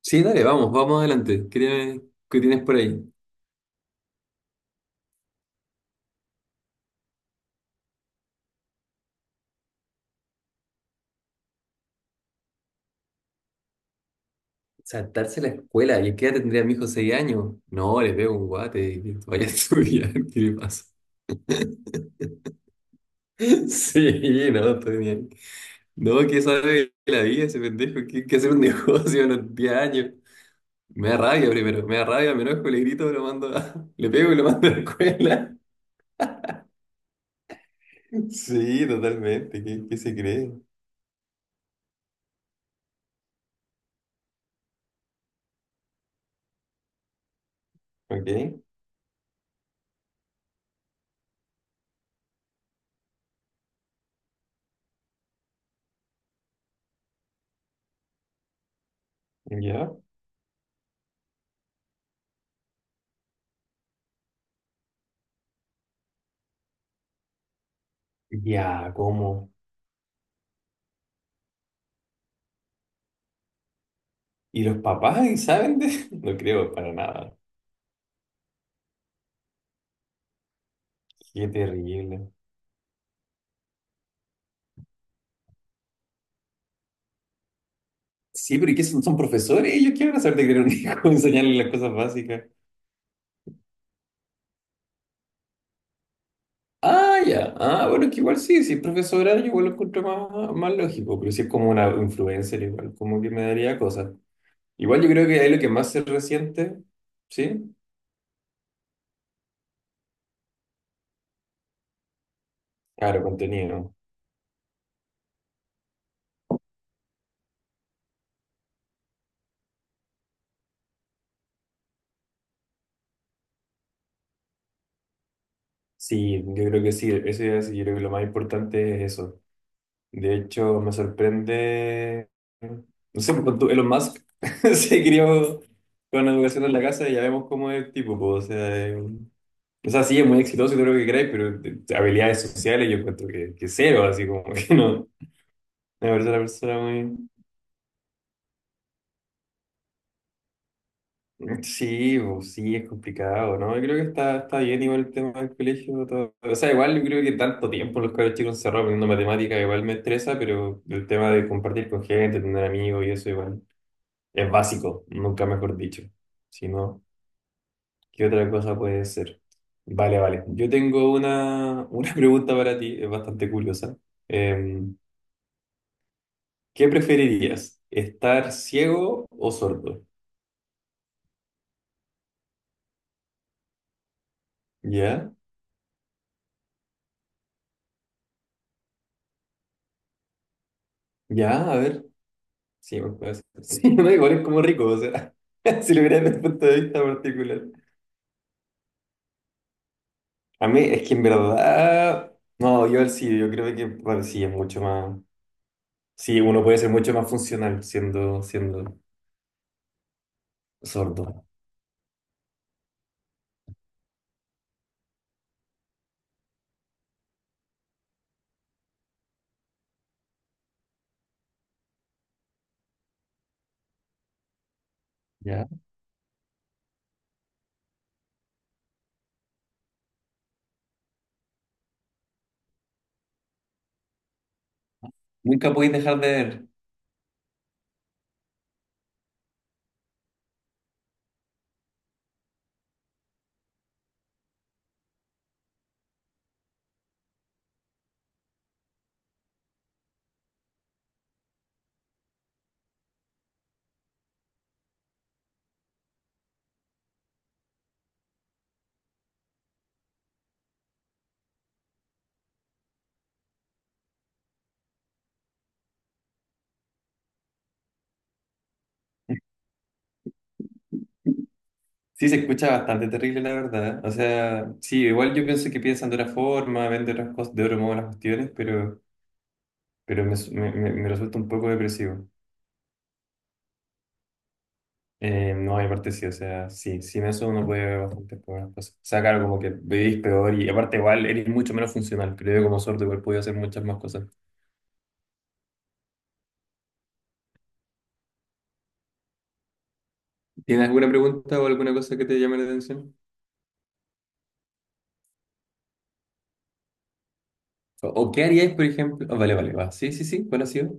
Sí, dale, vamos, vamos adelante. Qué tienes por ahí? Saltarse la escuela. ¿Y qué edad tendría mi hijo? ¿6 años? No, le pego un guate y vaya a estudiar. ¿Qué le pasa? Sí, no, estoy bien. No, ¿qué sabe de la vida ese pendejo? ¿Qué hacer un negocio a los 10 años? Me da rabia primero, me da rabia, me enojo, le grito, lo mando a... le pego y lo mando a la escuela. Sí, totalmente. ¿Qué se cree? Ok, ya. Ya, ¿cómo? ¿Y los papás saben de...? No creo para nada. Qué terrible. Sí, pero ¿y qué son? ¿Son profesores? Ellos qué van a saber de crear un hijo, enseñarles las cosas básicas. Ah, ya. Ah, bueno, que igual sí, si es profesora, yo igual lo encuentro más, más lógico, pero si es como una influencer, igual, como que me daría cosas. Igual yo creo que ahí lo que más se resiente, ¿sí? Claro, contenido. Sí, yo creo que sí, eso es, yo creo que lo más importante es eso. De hecho, me sorprende. No sé, Elon Musk se crió con la educación en la casa y ya vemos cómo es el tipo. Po, O sea, sí, es muy exitoso y todo lo que queráis, pero de habilidades sociales yo encuentro que cero, así como que no. Me parece una persona muy. Sí, po, sí, es complicado, ¿no? Yo creo que está bien igual el tema del colegio. Todo. O sea, igual yo creo que tanto tiempo los cabros chicos encerrados aprendiendo matemáticas igual me estresa, pero el tema de compartir con gente, tener amigos y eso igual. Es básico, nunca mejor dicho. Si no, ¿qué otra cosa puede ser? Vale, vale. Yo tengo una pregunta para ti, es bastante curiosa. Eh, ¿Qué preferirías? ¿Estar ciego o sordo? ¿Ya? ¿Ya? A ver. Sí, pues, puede ser. Sí, no, igual es como rico, o sea, si lo miras desde el punto de vista particular. A mí es que en verdad... No, yo al sí, yo creo que bueno, sí, es mucho más... Sí, uno puede ser mucho más funcional siendo sordo. Nunca podéis dejar de ver. Sí, se escucha bastante terrible, la verdad. O sea, sí, igual yo pienso que piensan de otra forma, ven de otras cosas, de otro modo las cuestiones, pero me, su- me- me resulta un poco depresivo. No, y aparte sí, o sea, sí, sin eso uno puede ver bastantes pocas cosas. O sea, claro, como que vivís peor y aparte igual eres mucho menos funcional. Creo que como sordo igual podía hacer muchas más cosas. ¿Tienes alguna pregunta o alguna cosa que te llame la atención? ¿O qué haríais, por ejemplo? Ah, vale, vale, va. Sí, sí, sí, ¿cuál ha sido?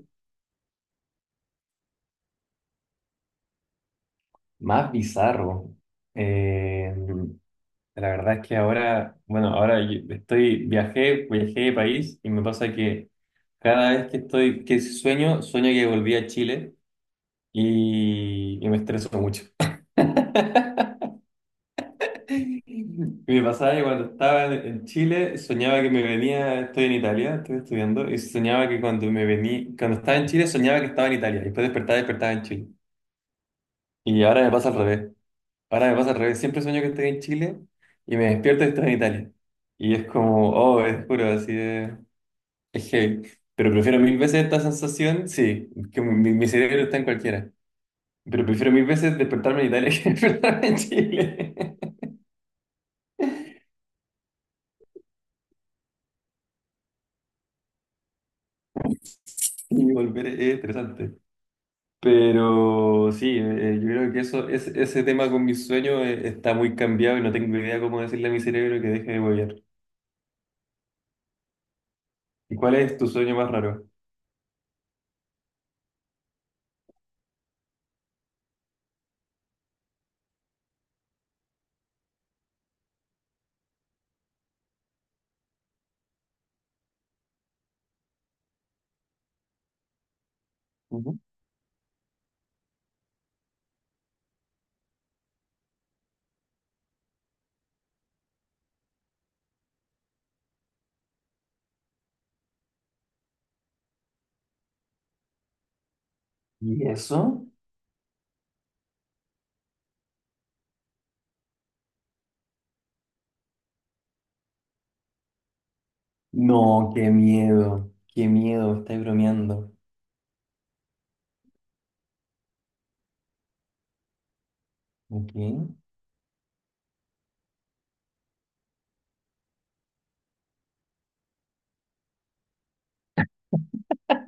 Más bizarro. Eh, La verdad es que ahora, bueno, ahora yo estoy, viajé, viajé de país y me pasa que cada vez que estoy, que sueño, sueño que volví a Chile y me estreso mucho. Y Me pasaba que cuando estaba en Chile, soñaba que me venía, estoy en Italia, estoy estudiando, y soñaba que cuando me venía, cuando estaba en Chile, soñaba que estaba en Italia, y después despertaba, despertaba en Chile. Y ahora me pasa al revés. Ahora me pasa al revés, siempre sueño que estoy en Chile y me despierto y estoy en Italia. Y es como, oh, es puro, así de... Es heavy. Pero prefiero mil veces esta sensación, sí, que mi cerebro está en cualquiera. Pero prefiero mil veces despertarme en Italia que despertarme en Chile. Y volver es interesante. Pero sí, yo creo que eso, es, ese tema con mis sueños está muy cambiado y no tengo idea cómo decirle a mi cerebro que deje de volver. ¿Y cuál es tu sueño más raro? Ujú. ¿Y eso? No, qué miedo, estáis bromeando. Ok.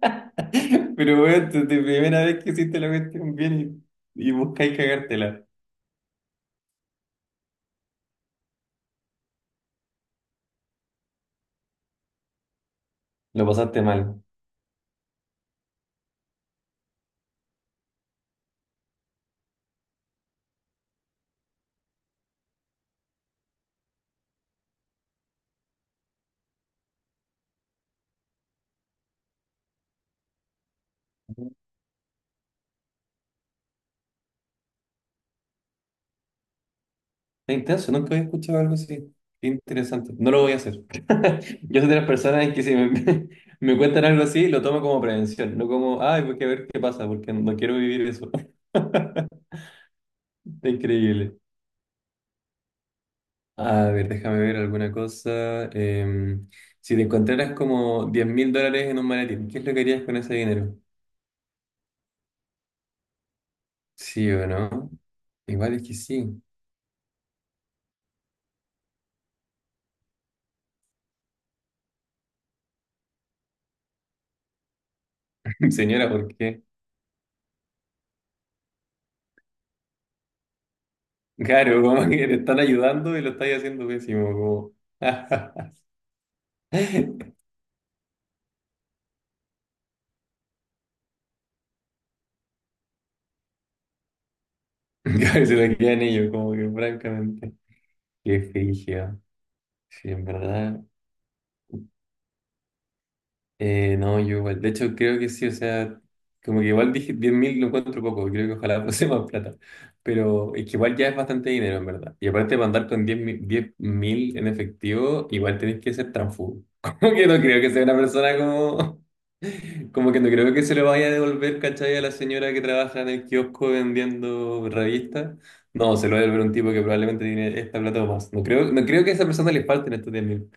Pero bueno, tu primera vez que hiciste la cuestión bien y buscáis cagártela. Lo pasaste mal. Está intenso, nunca había escuchado algo así. Qué interesante. No lo voy a hacer. Yo soy de las personas que si me, me cuentan algo así, lo tomo como prevención, no como, ay, voy a ver qué pasa, porque no quiero vivir eso. Increíble. A ver, déjame ver alguna cosa. Si te encontraras como 10.000 dólares en un maletín, ¿qué es lo que harías con ese dinero? ¿Sí o no? Igual es que sí. Señora, ¿por qué? Claro, como que te están ayudando y lo estáis haciendo pésimo. Como... Se lo quedan ellos, como que francamente. Qué frigio. Sí, en verdad. No, yo igual. De hecho, creo que sí, o sea, como que igual dije 10.000 lo encuentro poco, creo que ojalá fuese más plata. Pero es que igual ya es bastante dinero, en verdad. Y aparte para andar con 10.000 en efectivo, igual tenés que ser transfugo. Como que no creo que sea una persona como... Como que no creo que se lo vaya a devolver, ¿cachai? A la señora que trabaja en el kiosco vendiendo revistas. No, se lo va a devolver un tipo que probablemente tiene esta plata o más. No creo, no creo que a esa persona le falten estos diez mil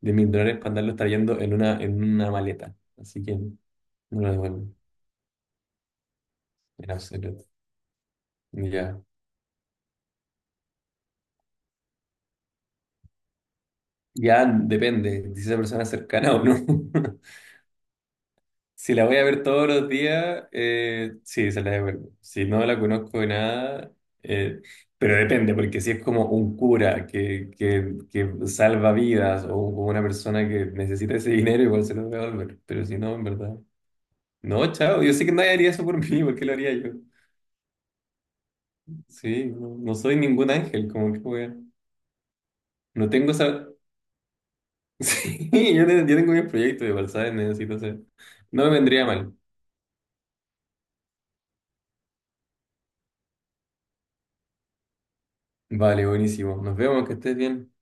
de mil dólares para andarlos trayendo en una maleta. Así que no lo devuelven, en absoluto. Ya, ya depende si esa persona es cercana o no. Si la voy a ver todos los días, sí, se la devuelvo. Si no la conozco de nada, eh, pero depende, porque si es como un cura que salva vidas o como una persona que necesita ese dinero, igual se lo voy a devolver. Pero si no, en verdad. No, chao. Yo sé que nadie haría eso por mí, ¿por qué lo haría yo? Sí, no, no soy ningún ángel, como que wea. No tengo esa. Sí, yo tengo mi proyecto de igual, ¿sabes? Necesito hacer. No me vendría mal. Vale, buenísimo. Nos vemos, que estés bien.